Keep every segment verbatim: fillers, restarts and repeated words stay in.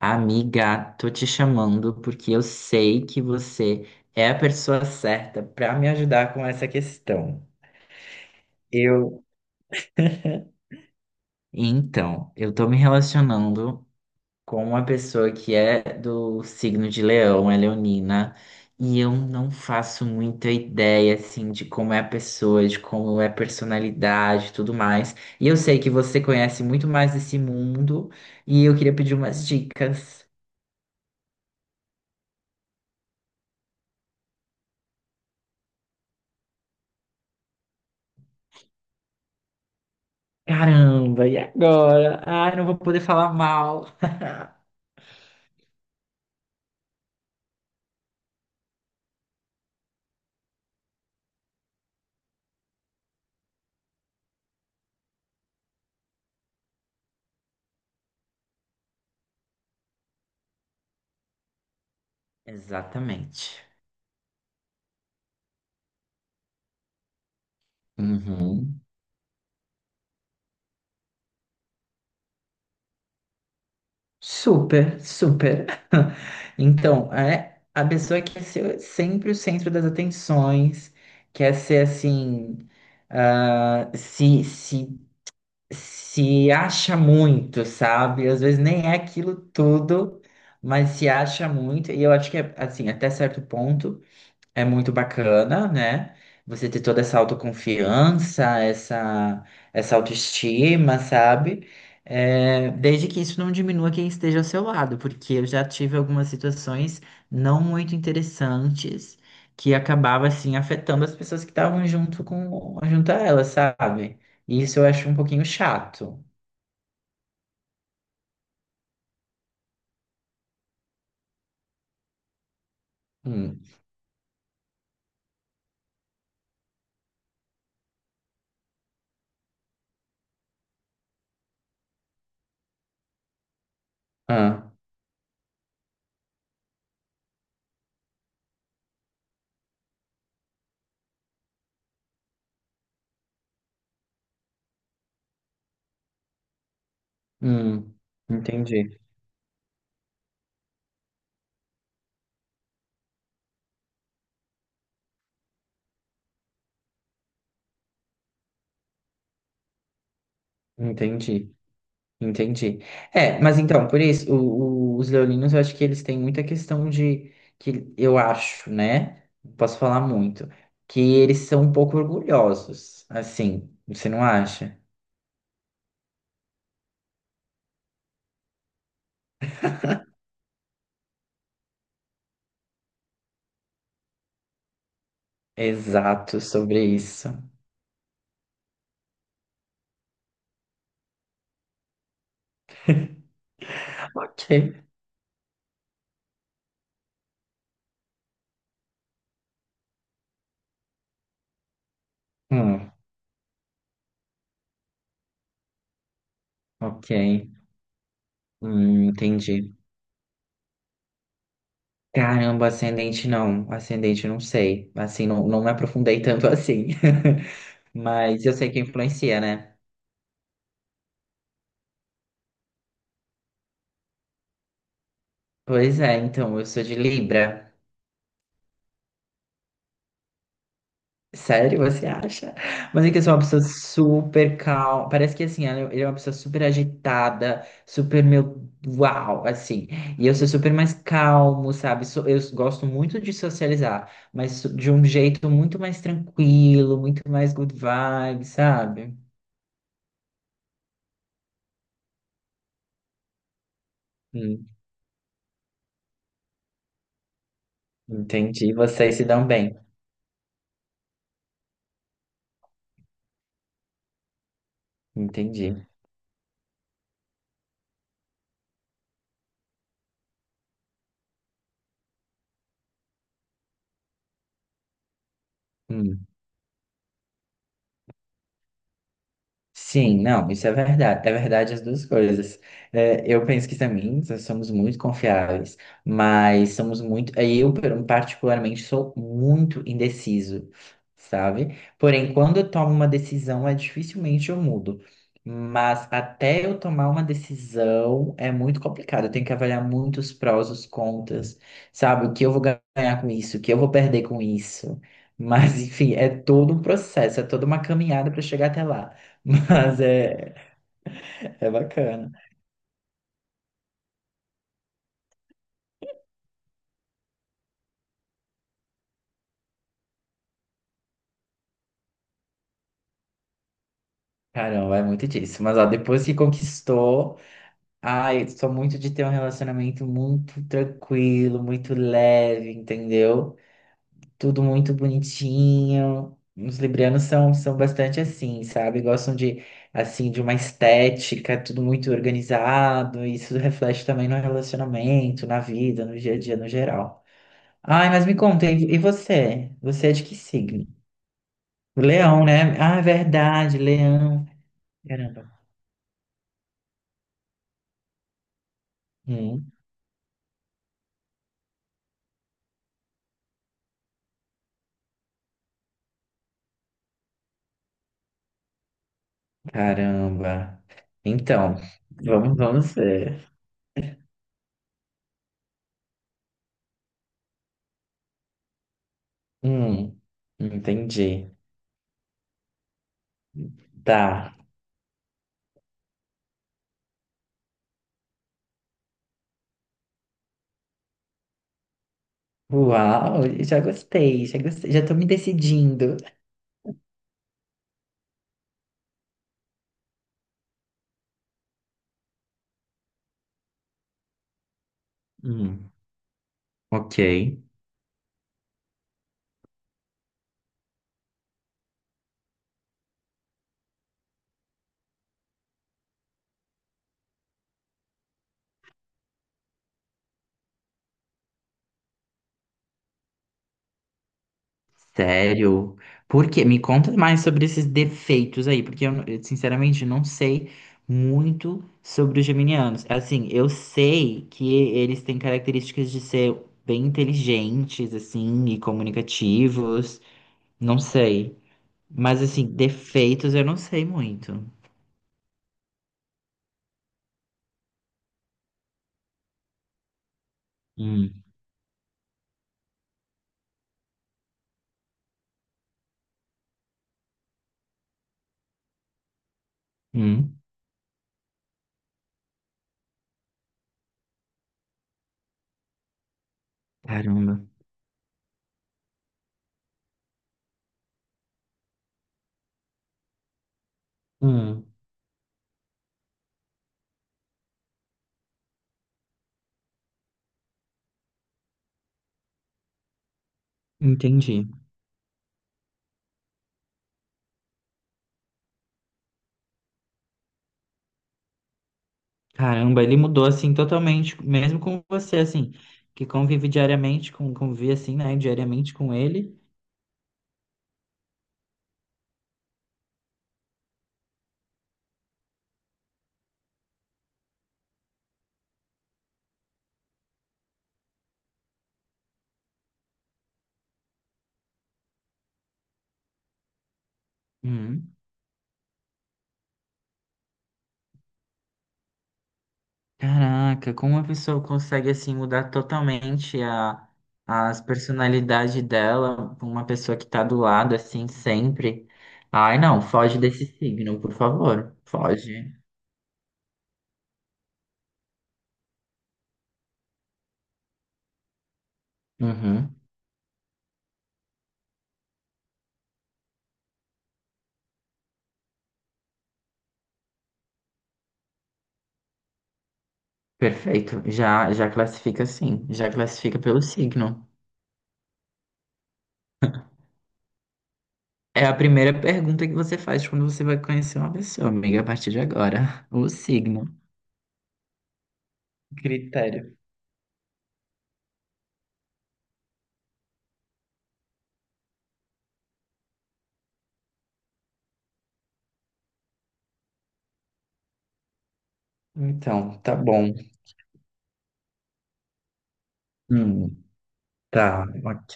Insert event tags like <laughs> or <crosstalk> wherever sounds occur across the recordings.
Amiga, tô te chamando porque eu sei que você é a pessoa certa para me ajudar com essa questão. Eu, então, eu tô me relacionando com uma pessoa que é do signo de Leão, é leonina, e eu não faço muita ideia assim de como é a pessoa, de como é a personalidade, e tudo mais. E eu sei que você conhece muito mais desse mundo e eu queria pedir umas dicas. Caramba, e agora? Ai, não vou poder falar mal. Exatamente. Uhum. Super, super. <laughs> Então, é a pessoa quer ser sempre o centro das atenções, quer ser assim, ah, se, se, se acha muito, sabe? Às vezes nem é aquilo tudo, mas se acha muito, e eu acho que é assim, até certo ponto. É muito bacana, né? Você ter toda essa autoconfiança, essa, essa autoestima, sabe? É, desde que isso não diminua quem esteja ao seu lado, porque eu já tive algumas situações não muito interessantes que acabava assim afetando as pessoas que estavam junto com junto a ela, sabe? E isso eu acho um pouquinho chato. Hum. Ah, hum. Entendi, entendi. Entendi. É, mas então, por isso, o- o- os leoninos, eu acho que eles têm muita questão de, que eu acho, né? Não posso falar muito, que eles são um pouco orgulhosos, assim, você não acha? Exato, sobre isso. <laughs> Ok. Hum, ok. Hum, entendi. Caramba, ascendente não, ascendente não sei, assim, não, não me aprofundei tanto assim, <laughs> mas eu sei que influencia, né? Pois é, então, eu sou de Libra. Sério, você acha? Mas é que eu sou uma pessoa super calma. Parece que assim, ela- ele é uma pessoa super agitada, super meu uau, assim. E eu sou super mais calmo, sabe? Sou- Eu gosto muito de socializar, mas so- de um jeito muito mais tranquilo, muito mais good vibe, sabe? Hum, entendi. Vocês se dão bem. Entendi. Hum. Sim, não, isso é verdade. É verdade as duas coisas. É, eu penso que também nós somos muito confiáveis, mas somos muito. Eu, per- particularmente, sou muito indeciso, sabe? Porém, quando eu tomo uma decisão, é dificilmente eu mudo. Mas até eu tomar uma decisão é muito complicado. Eu tenho que avaliar muitos prós, os contras, sabe? O que eu vou ganhar com isso, o que eu vou perder com isso. Mas, enfim, é todo um processo, é toda uma caminhada para chegar até lá. <laughs> Mas é, é bacana. Caramba, é muito disso. Mas ó, depois que conquistou, ai, eu sou muito de ter um relacionamento muito tranquilo, muito leve, entendeu? Tudo muito bonitinho. Os librianos são, são bastante assim, sabe? Gostam de, assim, de uma estética, tudo muito organizado. E isso reflete também no relacionamento, na vida, no dia a dia, no geral. Ai, mas me conta, e e você? Você é de que signo? O Leão, né? Ah, é verdade, Leão. Caramba. Hum, caramba. Então, vamos, vamos ver. Hum, entendi. Tá. Uau, já gostei, já gostei, já tô me decidindo. Hum, ok. Sério? Por quê? Me conta mais sobre esses defeitos aí, porque eu, eu, sinceramente não sei muito sobre os geminianos. Assim, eu sei que eles têm características de ser bem inteligentes, assim, e comunicativos. Não sei. Mas assim, defeitos eu não sei muito. Hum. Hum. Caramba. Hum. Entendi. Caramba, ele mudou assim totalmente, mesmo com você, assim, que convive diariamente com, convive assim, né, diariamente com ele. Hum. Caraca, como uma pessoa consegue assim mudar totalmente a as personalidade dela, com uma pessoa que tá do lado assim sempre. Ai, não, foge desse signo, por favor. Foge. Uhum. Perfeito. Já, já classifica sim. Já classifica pelo signo. É a primeira pergunta que você faz quando você vai conhecer uma pessoa, amiga, a partir de agora. O signo. Critério. Então, tá bom. Hum, tá, ok.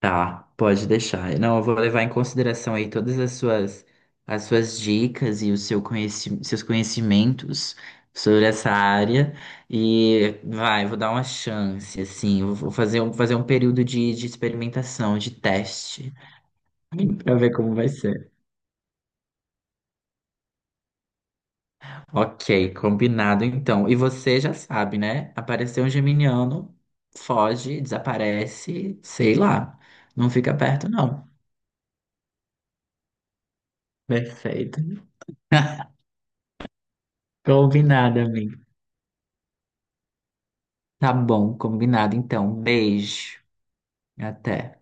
Tá, pode deixar. Não, eu vou levar em consideração aí todas as suas, as suas dicas e o seu conheci, seus conhecimentos sobre essa área. E vai, vou dar uma chance, assim. Eu Vou fazer um, fazer um período de, de experimentação, de teste, <laughs> pra ver como vai ser. Ok, combinado então. E você já sabe, né? Apareceu um geminiano, foge, desaparece, sei lá. Não fica perto, não. Perfeito. <laughs> Combinado, amiga. Tá bom, combinado então. Beijo. Até.